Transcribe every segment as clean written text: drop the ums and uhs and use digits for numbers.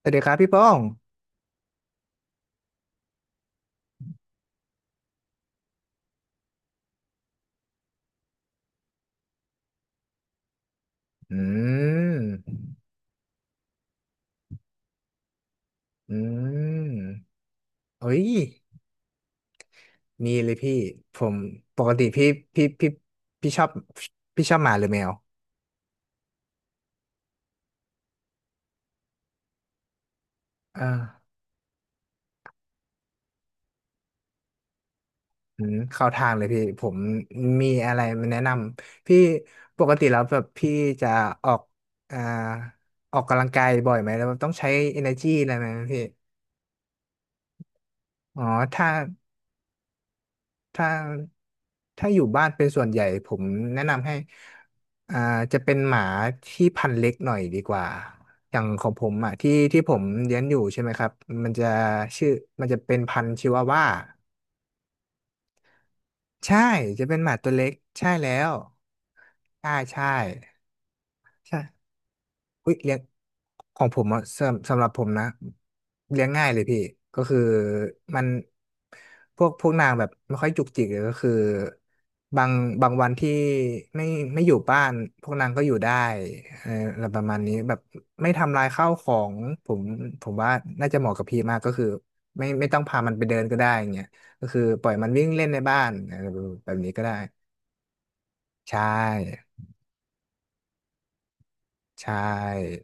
สวัสดีครับพี่ป้องอืมอืมเอ้ยมีเลยพี่ ผมปกติพี่พี่พี่ชอบพี่ชอบหมาหรือแมวอ่าอืมเข้าทางเลยพี่ ผมมีอะไรมาแนะนำ พี่ปกติแล้วแบบพี่จะออกอ่าออกกำลังกายบ่อยไหมแล้วแบบต้องใช้ energy อะไรไหมพี่อ๋อถ้า ถ้าถ้าอยู่บ้านเป็นส่วนใหญ่ผมแนะนำให้อ่าจะเป็นหมาที่พันธุ์เล็กหน่อยดีกว่าอย่างของผมอ่ะที่ที่ผมเลี้ยงอยู่ใช่ไหมครับมันจะชื่อมันจะเป็นพันธุ์ชิวาว่าใช่จะเป็นหมาตัวเล็กใช่แล้วใช่ใช่ใช่ อุ้ยเลี้ยงของผมอ่ะสำหรับผมนะเลี้ยงง่ายเลยพี่ก็คือมันพวกนางแบบไม่ค่อยจุกจิกเลยก็คือบางบางวันที่ไม่ไม่อยู่บ้านพวกนางก็อยู่ได้เอออะไรประมาณนี้แบบไม่ทำลายข้าวของผมผมว่าน่าจะเหมาะกับพี่มากก็คือไม่ต้องพามันไปเดินก็ได้อย่างเงี้ยก็คือปล่อยมันวิ่งเล่นในบ้านอะไรแบบนี้ก็ได้ใช่ใช่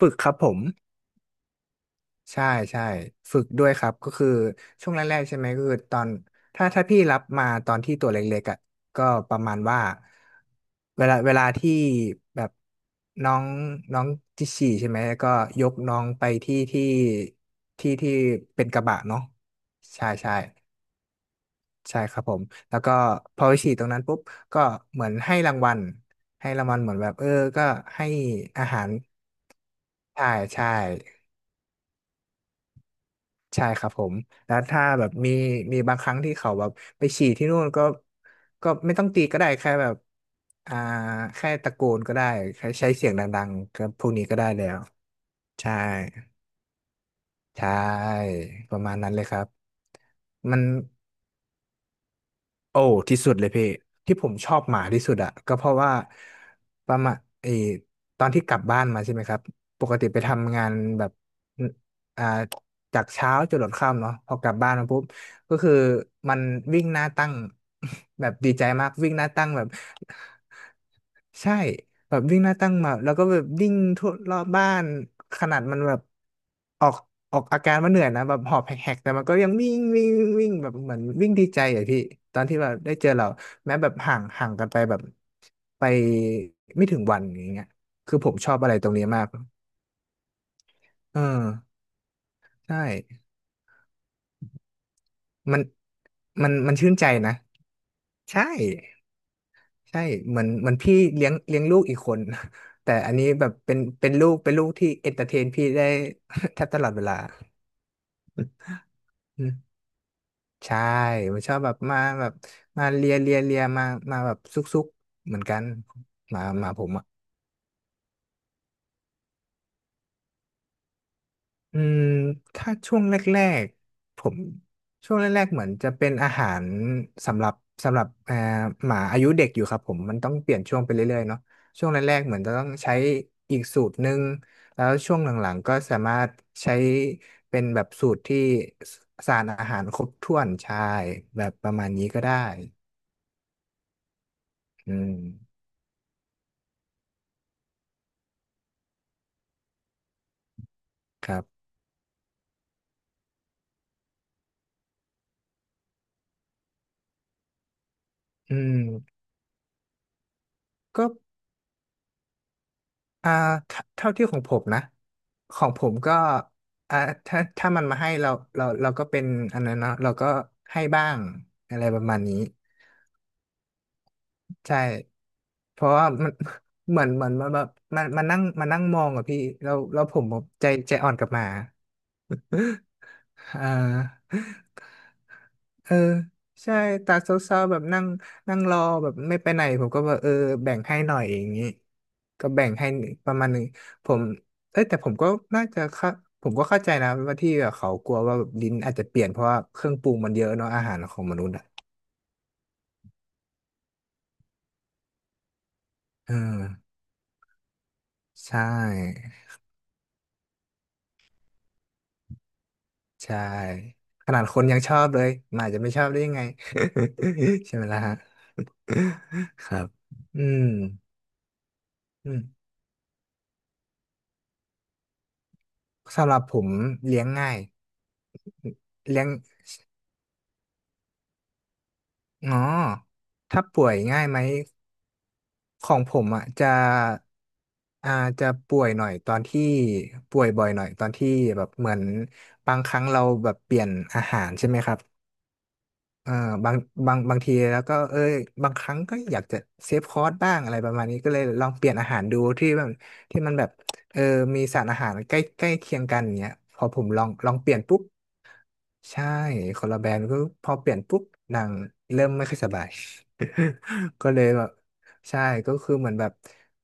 ฝึกครับผม ใช่ใช่ฝึกด้วยครับก็คือช่วงแรกๆใช่ไหมก็คือตอนถ้าพี่รับมาตอนที่ตัวเล็กๆอ่ะก็ประมาณว่าเวลาที่แบบน้องน้องจิฉี่ใช่ไหมก็ยกน้องไปที่ที่เป็นกระบะเนาะใช่ใช่ใช่ครับผมแล้วก็พอไปฉี่ตรงนั้นปุ๊บก็เหมือนให้รางวัลเหมือนแบบเออก็ให้อาหารใช่ใช่ ใช่ครับผมแล้วถ้าแบบมีบางครั้งที่เขาแบบไปฉี่ที่นู่นก็ไม่ต้องตีก็ได้แค่แบบอ่าแค่ตะโกนก็ได้แค่ใช้เสียงดังๆก็พวกนี้ก็ได้แล้วใช่ใช่ประมาณนั้นเลยครับมัน โอ้ที่สุดเลยพี่ที่ผมชอบหมาที่สุดอะก็เพราะว่าประมาณเออตอนที่กลับบ้านมาใช่ไหมครับปกติไปทำงานแบบอ่าจากเช้าจนหลดค่ำเนาะพอกลับบ้านมาปุ๊บก็คือมันวิ่งหน้าตั้ง แบบดีใจมากวิ่งหน้าตั้งแบบ ใช่แบบวิ่งหน้าตั้งมาแล้วก็แบบวิ่งทั่วรอบบ้านขนาดมันแบบออกออกอาการว่าเหนื่อยนะแบบหอบแหกๆแต่มันก็ยังวิ่งวิ่งวิ่งแบบเหมือนวิ่งดีใจอะพี่ตอนที่แบบได้เจอเราแม้แบบห่างห่างกันไปแบบไปไม่ถึงวันอย่างเงี้ยคือผมชอบอะไรตรงนี้มากเออใช่มันมันชื่นใจนะใช่ ใช่เหมือนพี่เลี้ยงลูกอีกคน แต่อันนี้แบบเป็นลูกที่เอนเตอร์เทนพี่ได้ แทบตลอดเวลาอืมใช่มันชอบแบบมาแบบมาเลียเลียเลียมาแบบซุกซุกเหมือนกันหมาผมอะ อืมถ้าช่วงแรกๆผมช่วงแรกๆเหมือนจะเป็นอาหารสำหรับสำหรับหมาอายุเด็กอยู่ครับผมมันต้องเปลี่ยนช่วงไปเรื่อยๆเนาะช่วงแรกๆเหมือนจะต้องใช้อีกสูตรหนึ่งแล้วช่วงหลังๆก็สามารถใช้เป็นแบบสูตรที่สสารอาหารครบถ้วนใช่แบบประมาณนี้ก็ได้อืมครับอืมก็ อ่าเท่าที่ของผมนะของผมก็อ่าถ้ามันมาให้เราเราก็เป็นอันนั้นเนาะเราก็ให้บ้างอะไรประมาณนี้ใช่เพราะว่ามัน เหมือนมันแบบมันนั่งมองอะพี่เราเราผมใจอ่อนกับหมา อ่า เออใช่ตาเศร้าๆแบบนั่งนั่งรอแบบไม่ไปไหนผมก็แบบเออแบ่งให้หน่อยอย่างนี้ก็แบ่งให้ประมาณหนึ่งผมเอ้ยแต่ผมก็น่าจะเข้าผมก็เข้าใจนะว่าที่แบบเขากลัวว่าแบบลิ้นอาจจะเปลี่ยนเพราะว่าเครื่องปรุงมันเยอะเนาะอาหารของมนุษย์อ่ะเออใช่ใช่ขนาดคนยังชอบเลยหมาจะไม่ชอบได้ยังไง ใช่ไหมล่ะฮะ ครับอืมอืมสำหรับผมเลี้ยงง่ายเลี้ยง อ๋อถ้าป่วยง่ายไหมของผมอ่ะอ่าจะป่วยหน่อยตอนที่ป่วยบ่อยหน่อยตอนที่แบบเหมือนบางครั้งเราแบบเปลี่ยนอาหารใช่ไหมครับเออบางบางทีแล้วก็เอ้ยบางครั้งก็อยากจะเซฟคอร์สบ้างอะไรประมาณนี้ก็เลยลองเปลี่ยนอาหารดูที่มันแบบเออมีสารอาหารใกล้ใกล้เคียงกันอย่างเงี้ยพอผมลองเปลี่ยนปุ๊บ ใช่คนละแบรนด์ก็พอเปลี่ยนปุ๊บนางเริ่มไม่ค่อยสบาย ก็เลยแบบใช่ก็คือเหมือนแบบ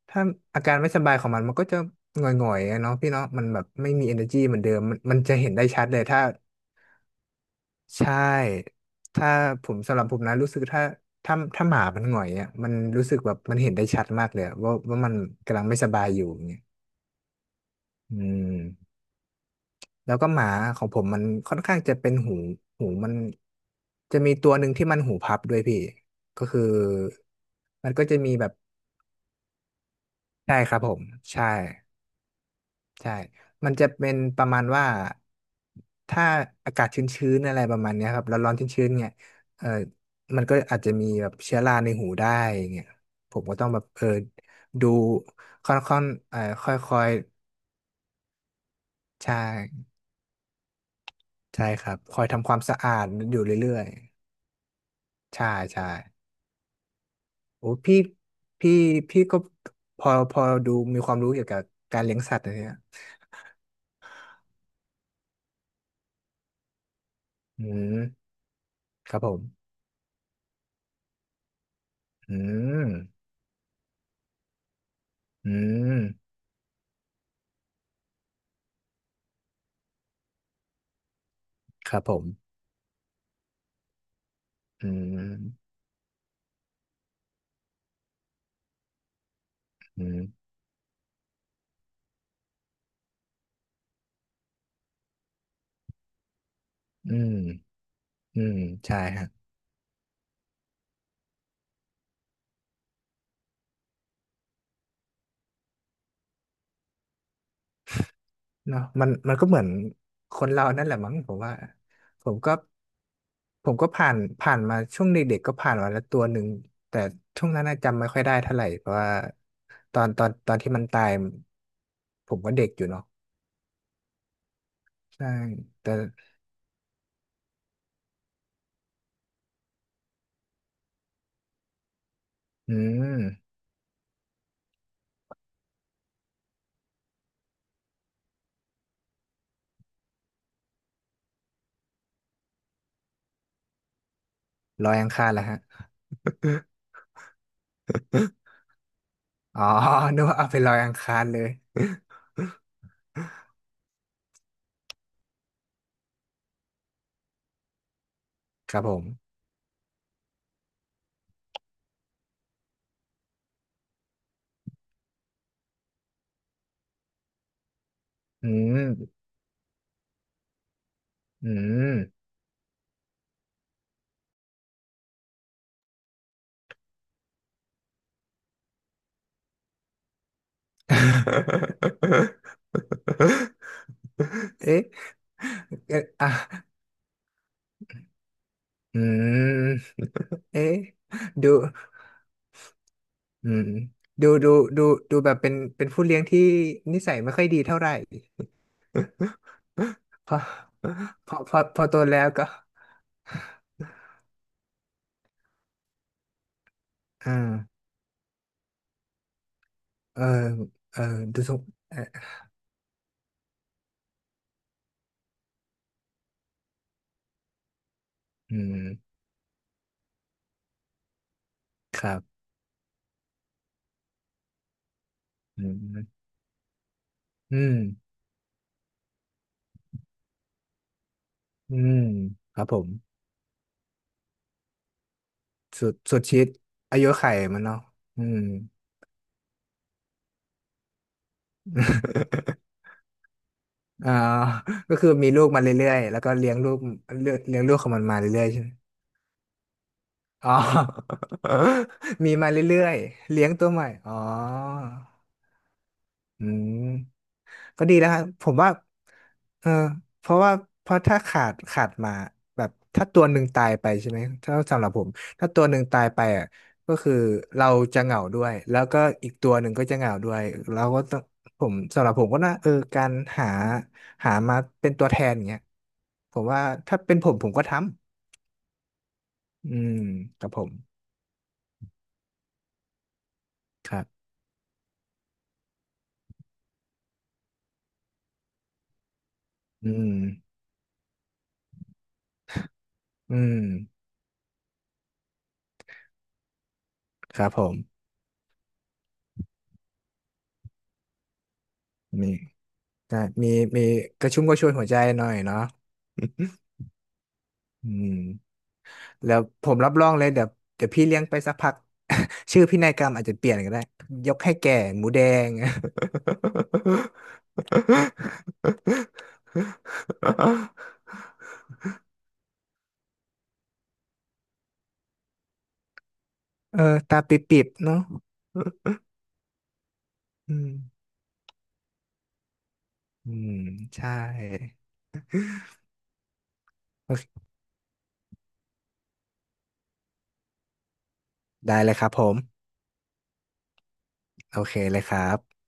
ถ้าอาการไม่สบายของมันมันก็จะหงอยๆอะเนาะพี่เนาะมันแบบไม่มี energy เหมือนเดิมมันจะเห็นได้ชัดเลยถ้าใช่ถ้าผมสำหรับผมนะรู้สึกถ้าหมามันหงอยอ่ะมันรู้สึกแบบมันเห็นได้ชัดมากเลยอะว่ามันกำลังไม่สบายอยู่อย่างเงี้ยอืม แล้วก็หมาของผมมันค่อนข้างจะเป็นหูหูมันจะมีตัวหนึ่งที่มันหูพับด้วยพี่ก็คือมันก็จะมีแบบใช่ครับผมใช่ใช่มันจะเป็นประมาณว่าถ้าอากาศชื้นๆอะไรประมาณเนี้ยครับร้อนๆชื้นๆเนี่ยเออมันก็อาจจะมีแบบเชื้อราในหูได้อย่างเงี้ยผมก็ต้องแบบเออดูค่อนๆค่อยๆใช่ใช่ครับคอยทำความสะอาดอยู่เรื่อยๆใช่ใช่ โอ้พี่พี่พี่ก็พอดูมีความรู้เกี่ยวกับการเลี้ยงสัตว์นะเนี่ยอืมครับผมอืมอืมครับผมอืมอืมอืมอืมใช่ฮะเนาะมันมันก็เหมือนคนเรานั่นแหละมั้งผมว่าผมก็ผมก็ผ่านมาช่วงเด็กๆก็ผ่านมาแล้วตัวหนึ่งแต่ช่วงนั้นน่ะจำไม่ค่อยได้เท่าไหร่เพราะว่าตอนที่มันตายผมก็เด็กอยู่เนาะใช่แต่ อืมลอยอังคารเหรอฮะอ๋อ นึกว่าเอาไปลอยอังคารเลยครับผมอืมอืม เอ๊ะเอ๊ะอ่ะอืมเอ๊ะดูอืมดูดูดูดูแบบเป็นผู้เลี้ยงที่นิสัยไม่ค่อยดีเท่าไหร่พอพอโตแล้วก็อ่าเออเออดูสงเอออืมครับ อืมอืม อืม ครับผม สุดสุดชีิตอายุไข่มันเนาะ อืม อ่าก็คือมีลูกมาเรื่อยๆ แล้วก็เลี้ยงลูกเลี้ยงเลี้ยงลูกของมันมาเรื่อยๆใช่ไหมอ๋อ มีมาเรื่อยๆเลี้ยงตัวใหม่ อ๋ออืม ก็ดีแล้วครับผมว่าเออเพราะว่าเพราะถ้าขาดมาแบบถ้าตัวหนึ่งตายไปใช่ไหมถ้าสำหรับผมถ้าตัวหนึ่งตายไปอ่ะก็คือเราจะเหงาด้วยแล้วก็อีกตัวหนึ่งก็จะเหงาด้วยเราก็ต้องผมสำหรับผมก็น่าเออการหาหามาเป็นตัวแทนอย่างเงี้ยผมว่าถ้าเป็นผมผมก็ทำอืมครับผมครับอืมอืมครับผมมีก็มีมีกระชุ่มกระชวยหัวใจหน่อยเนาะ อืม แล้วผมรับรองเลยเดี๋ยวพี่เลี้ยงไปสักพัก ชื่อพินัยกรรมอาจจะเปลี่ยนก็ได้ยกให้แก่หมูแดง เออตาปิบๆเนาะอืมอืมใช่โอเคได้เลยครับผมโอเคเลยครับ